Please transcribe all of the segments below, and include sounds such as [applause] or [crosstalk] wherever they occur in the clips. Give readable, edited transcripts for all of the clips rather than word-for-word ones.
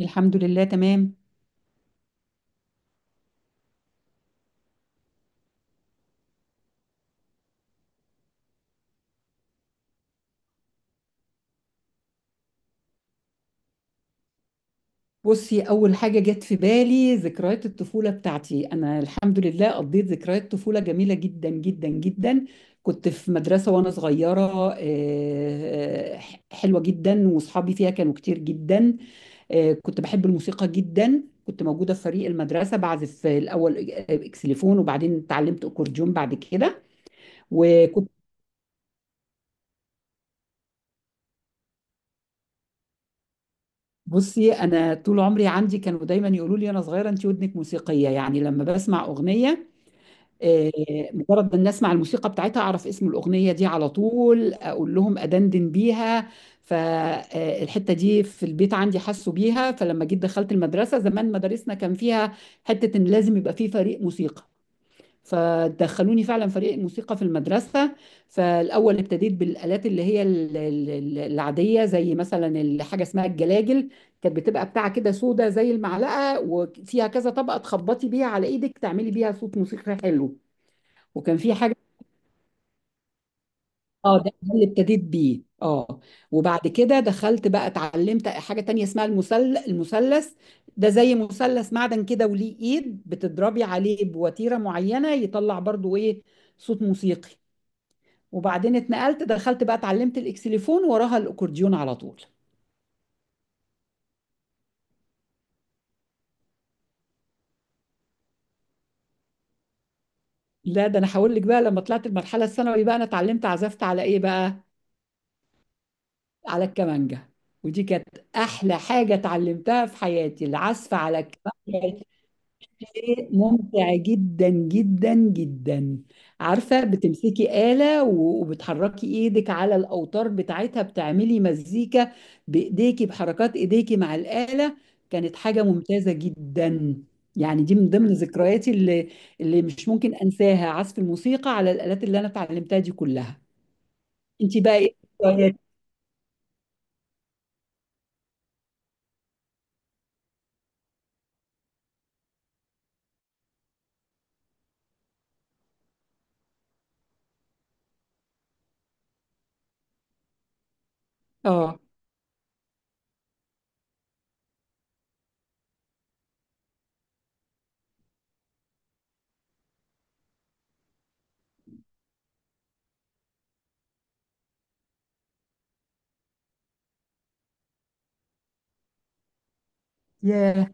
الحمد لله تمام. بصي، أول حاجة جت في بالي ذكريات الطفولة بتاعتي. أنا الحمد لله قضيت ذكريات طفولة جميلة جدا جدا جدا. كنت في مدرسة وأنا صغيرة، حلوة جدا، وأصحابي فيها كانوا كتير جدا. كنت بحب الموسيقى جدا، كنت موجودة في فريق المدرسة بعزف الأول إكسليفون، وبعدين اتعلمت أكورديون بعد كده. وكنت بصي انا طول عمري عندي، كانوا دايما يقولوا لي انا صغيره انت ودنك موسيقيه، يعني لما بسمع اغنيه آه، مجرد ما الناس اسمع الموسيقى بتاعتها اعرف اسم الاغنيه دي على طول، اقول لهم ادندن بيها. فالحته دي في البيت عندي حسوا بيها. فلما جيت دخلت المدرسه، زمان مدارسنا كان فيها حته ان لازم يبقى في فريق موسيقى، فدخلوني فعلا فريق الموسيقى في المدرسه. فالاول ابتديت بالالات اللي هي العاديه، زي مثلا حاجه اسمها الجلاجل. كانت بتبقى بتاعه كده سودا زي المعلقه، وفيها كذا طبقه تخبطي بيها على ايدك تعملي بيها صوت موسيقي حلو. وكان في حاجة، اه، ده اللي ابتديت بيه. اه، وبعد كده دخلت بقى اتعلمت حاجة تانية اسمها المثلث. ده زي مثلث معدن كده وليه ايد، بتضربي عليه بوتيرة معينة يطلع برضو ايه؟ صوت موسيقي. وبعدين اتنقلت، دخلت بقى اتعلمت الاكسليفون، وراها الاكورديون على طول. لا ده انا هقول لك، بقى لما طلعت المرحلة الثانوي بقى انا اتعلمت عزفت على ايه بقى؟ على الكمانجة. ودي كانت احلى حاجة اتعلمتها في حياتي، العزف على الكمانجة. ممتع جدا جدا جدا. عارفة، بتمسكي آلة وبتحركي ايدك على الأوتار بتاعتها، بتعملي مزيكا بإيديكي، بحركات إيديكي مع الآلة. كانت حاجة ممتازة جدا. يعني دي من ضمن ذكرياتي اللي مش ممكن أنساها، عزف الموسيقى على الآلات اللي أنا اتعلمتها دي كلها. انت بقى، ايه ذكرياتك؟ اه، ياه،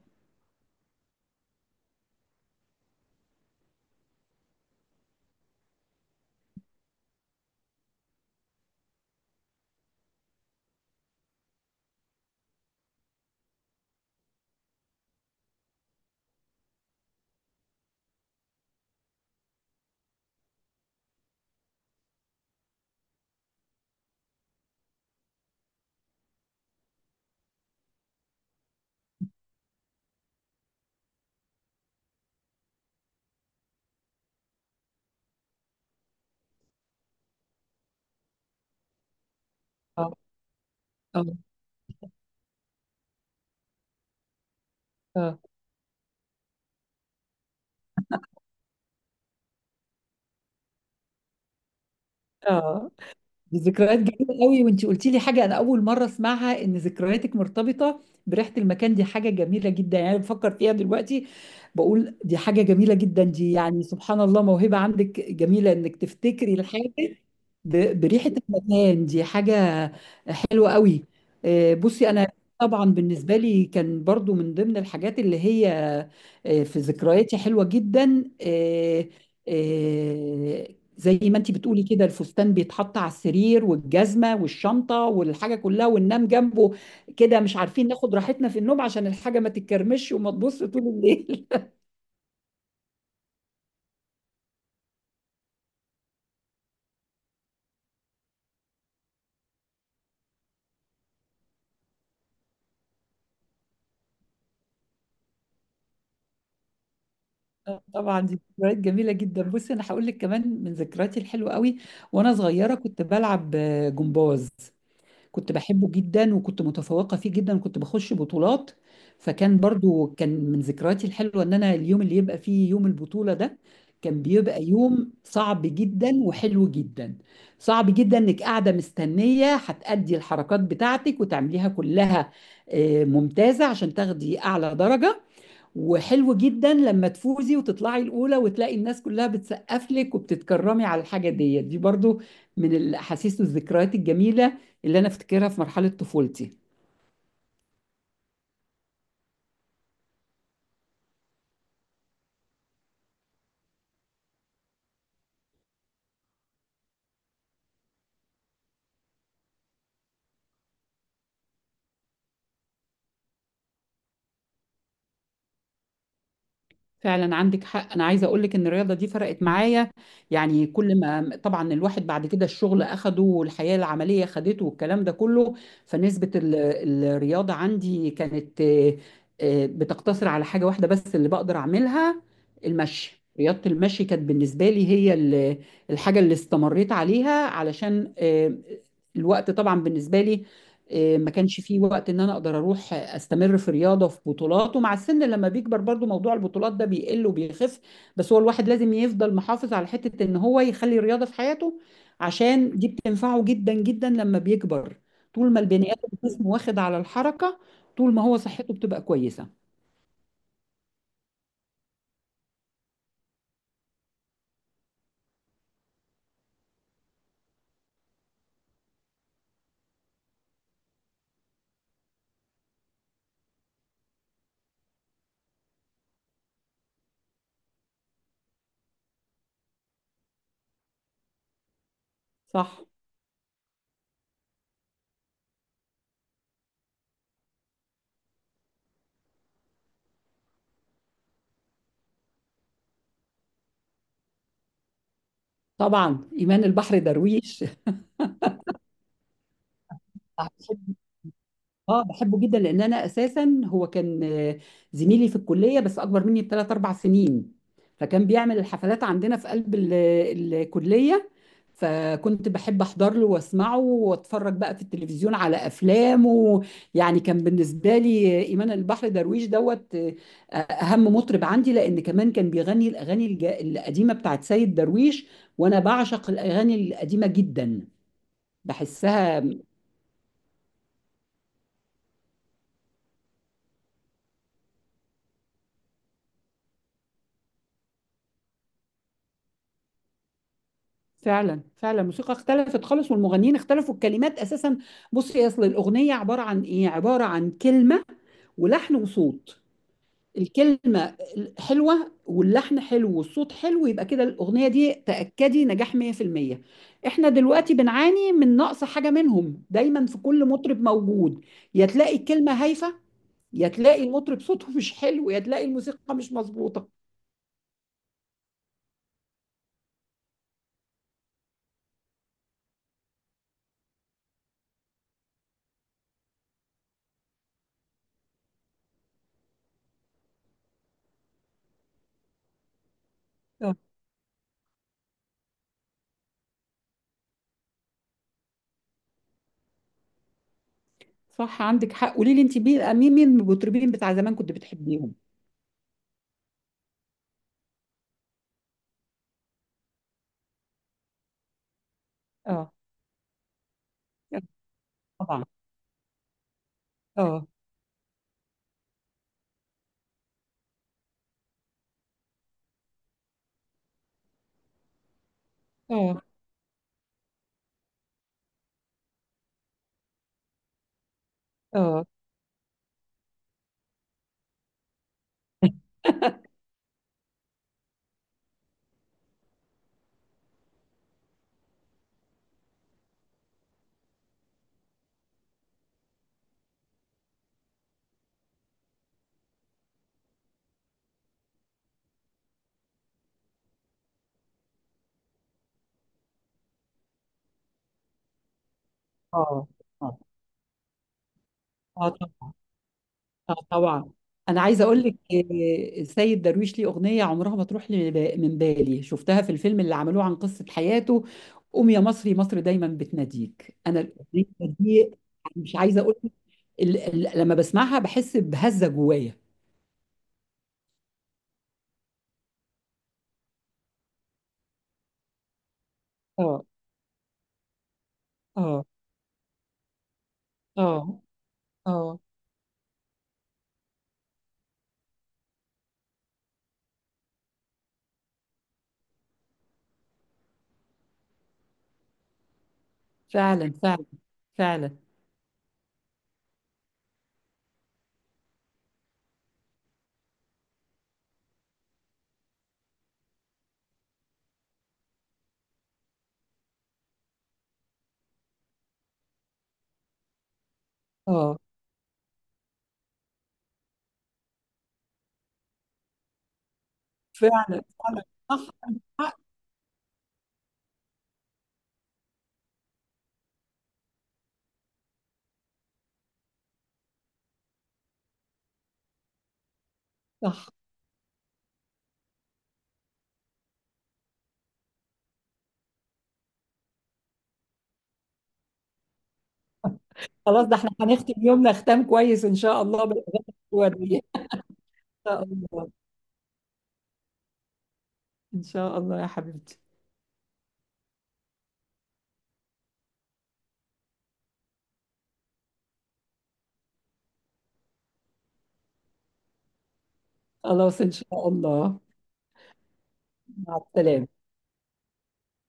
اه، اه، اه، دي ذكريات جميلة قوي. وانتي قلتي لي حاجة انا اول مرة اسمعها، ان ذكرياتك مرتبطة بريحة المكان، دي حاجة جميلة جدا. يعني أنا بفكر فيها دلوقتي، بقول دي حاجة جميلة جدا. دي يعني سبحان الله، موهبة عندك جميلة انك تفتكري الحاجة بريحة المكان. دي حاجة حلوة قوي. بصي أنا طبعا بالنسبة لي كان برضو من ضمن الحاجات اللي هي في ذكرياتي حلوة جدا، آه، زي ما انت بتقولي كده، الفستان بيتحط على السرير والجزمه والشنطه والحاجه كلها، وننام جنبه كده مش عارفين ناخد راحتنا في النوم عشان الحاجه ما تتكرمش وما تبص طول الليل. [laughs] طبعا دي ذكريات جميله جدا. بصي انا هقول لك كمان من ذكرياتي الحلوه قوي، وانا صغيره كنت بلعب جمباز. كنت بحبه جدا، وكنت متفوقة فيه جدا، وكنت بخش بطولات. فكان برضو كان من ذكرياتي الحلوة ان انا اليوم اللي يبقى فيه يوم البطولة ده كان بيبقى يوم صعب جدا وحلو جدا. صعب جدا انك قاعدة مستنية هتأدي الحركات بتاعتك وتعمليها كلها ممتازة عشان تاخدي اعلى درجة، وحلو جدا لما تفوزي وتطلعي الأولى وتلاقي الناس كلها بتسقف لك وبتتكرمي على الحاجة ديت. دي برضو من الأحاسيس والذكريات الجميلة اللي أنا أفتكرها في مرحلة طفولتي. فعلا عندك حق، انا عايزه اقول لك ان الرياضه دي فرقت معايا. يعني كل ما طبعا الواحد بعد كده الشغل اخده والحياه العمليه خدته والكلام ده كله، فنسبه الرياضه عندي كانت بتقتصر على حاجه واحده بس اللي بقدر اعملها، المشي. رياضه المشي كانت بالنسبه لي هي الحاجه اللي استمريت عليها، علشان الوقت طبعا بالنسبه لي، ما كانش فيه وقت ان انا اقدر اروح استمر في رياضه في بطولات. ومع السن لما بيكبر برضو موضوع البطولات ده بيقل وبيخف، بس هو الواحد لازم يفضل محافظ على حته ان هو يخلي الرياضه في حياته، عشان دي بتنفعه جدا جدا لما بيكبر. طول ما البني ادم جسمه واخد على الحركه، طول ما هو صحته بتبقى كويسه. صح، طبعا، ايمان البحر درويش. [laughs] اه بحبه جدا، لان انا اساسا هو كان زميلي في الكليه بس اكبر مني بثلاث اربع سنين. فكان بيعمل الحفلات عندنا في قلب الكليه. فكنت بحب احضر له واسمعه واتفرج بقى في التلفزيون على افلامه. يعني كان بالنسبه لي ايمان البحر درويش دوت اهم مطرب عندي، لان كمان كان بيغني الاغاني القديمه بتاعت سيد درويش، وانا بعشق الاغاني القديمه جدا، بحسها. فعلا فعلا، الموسيقى اختلفت خالص، والمغنيين اختلفوا، الكلمات اساسا. بصي، اصل الاغنيه عباره عن ايه؟ عباره عن كلمه ولحن وصوت. الكلمه حلوه واللحن حلو والصوت حلو، يبقى كده الاغنيه دي تاكدي نجاح 100%. احنا دلوقتي بنعاني من نقص حاجه منهم دايما في كل مطرب موجود. يا تلاقي الكلمه هايفه، يا تلاقي المطرب صوته مش حلو، يا تلاقي الموسيقى مش مظبوطه. اه، صح عندك حق. قولي لي انت، مين من المطربين بتاع زمان كنت بتحبيهم؟ طبعا، اه، اه، اه، اه، اه، آه طبعا، اه طبعا. انا عايزه اقول لك، السيد درويش ليه اغنيه عمرها ما تروح لي من بالي، شفتها في الفيلم اللي عملوه عن قصه حياته، قوم يا مصري مصر دايما بتناديك. انا الاغنيه دي مش عايزه اقول لك، لما بسمعها بحس بهزه جوايا. اه، اه، اه، اه، فعلا فعلا، فعلا. اه فعلا فعلا، صح عندك حق، صح. خلاص، ده احنا هنختم يومنا ختام كويس ان شاء الله، بالاغاني الوردية. ان شاء الله، ان شاء الله يا حبيبتي. خلاص ان شاء الله. مع السلامة.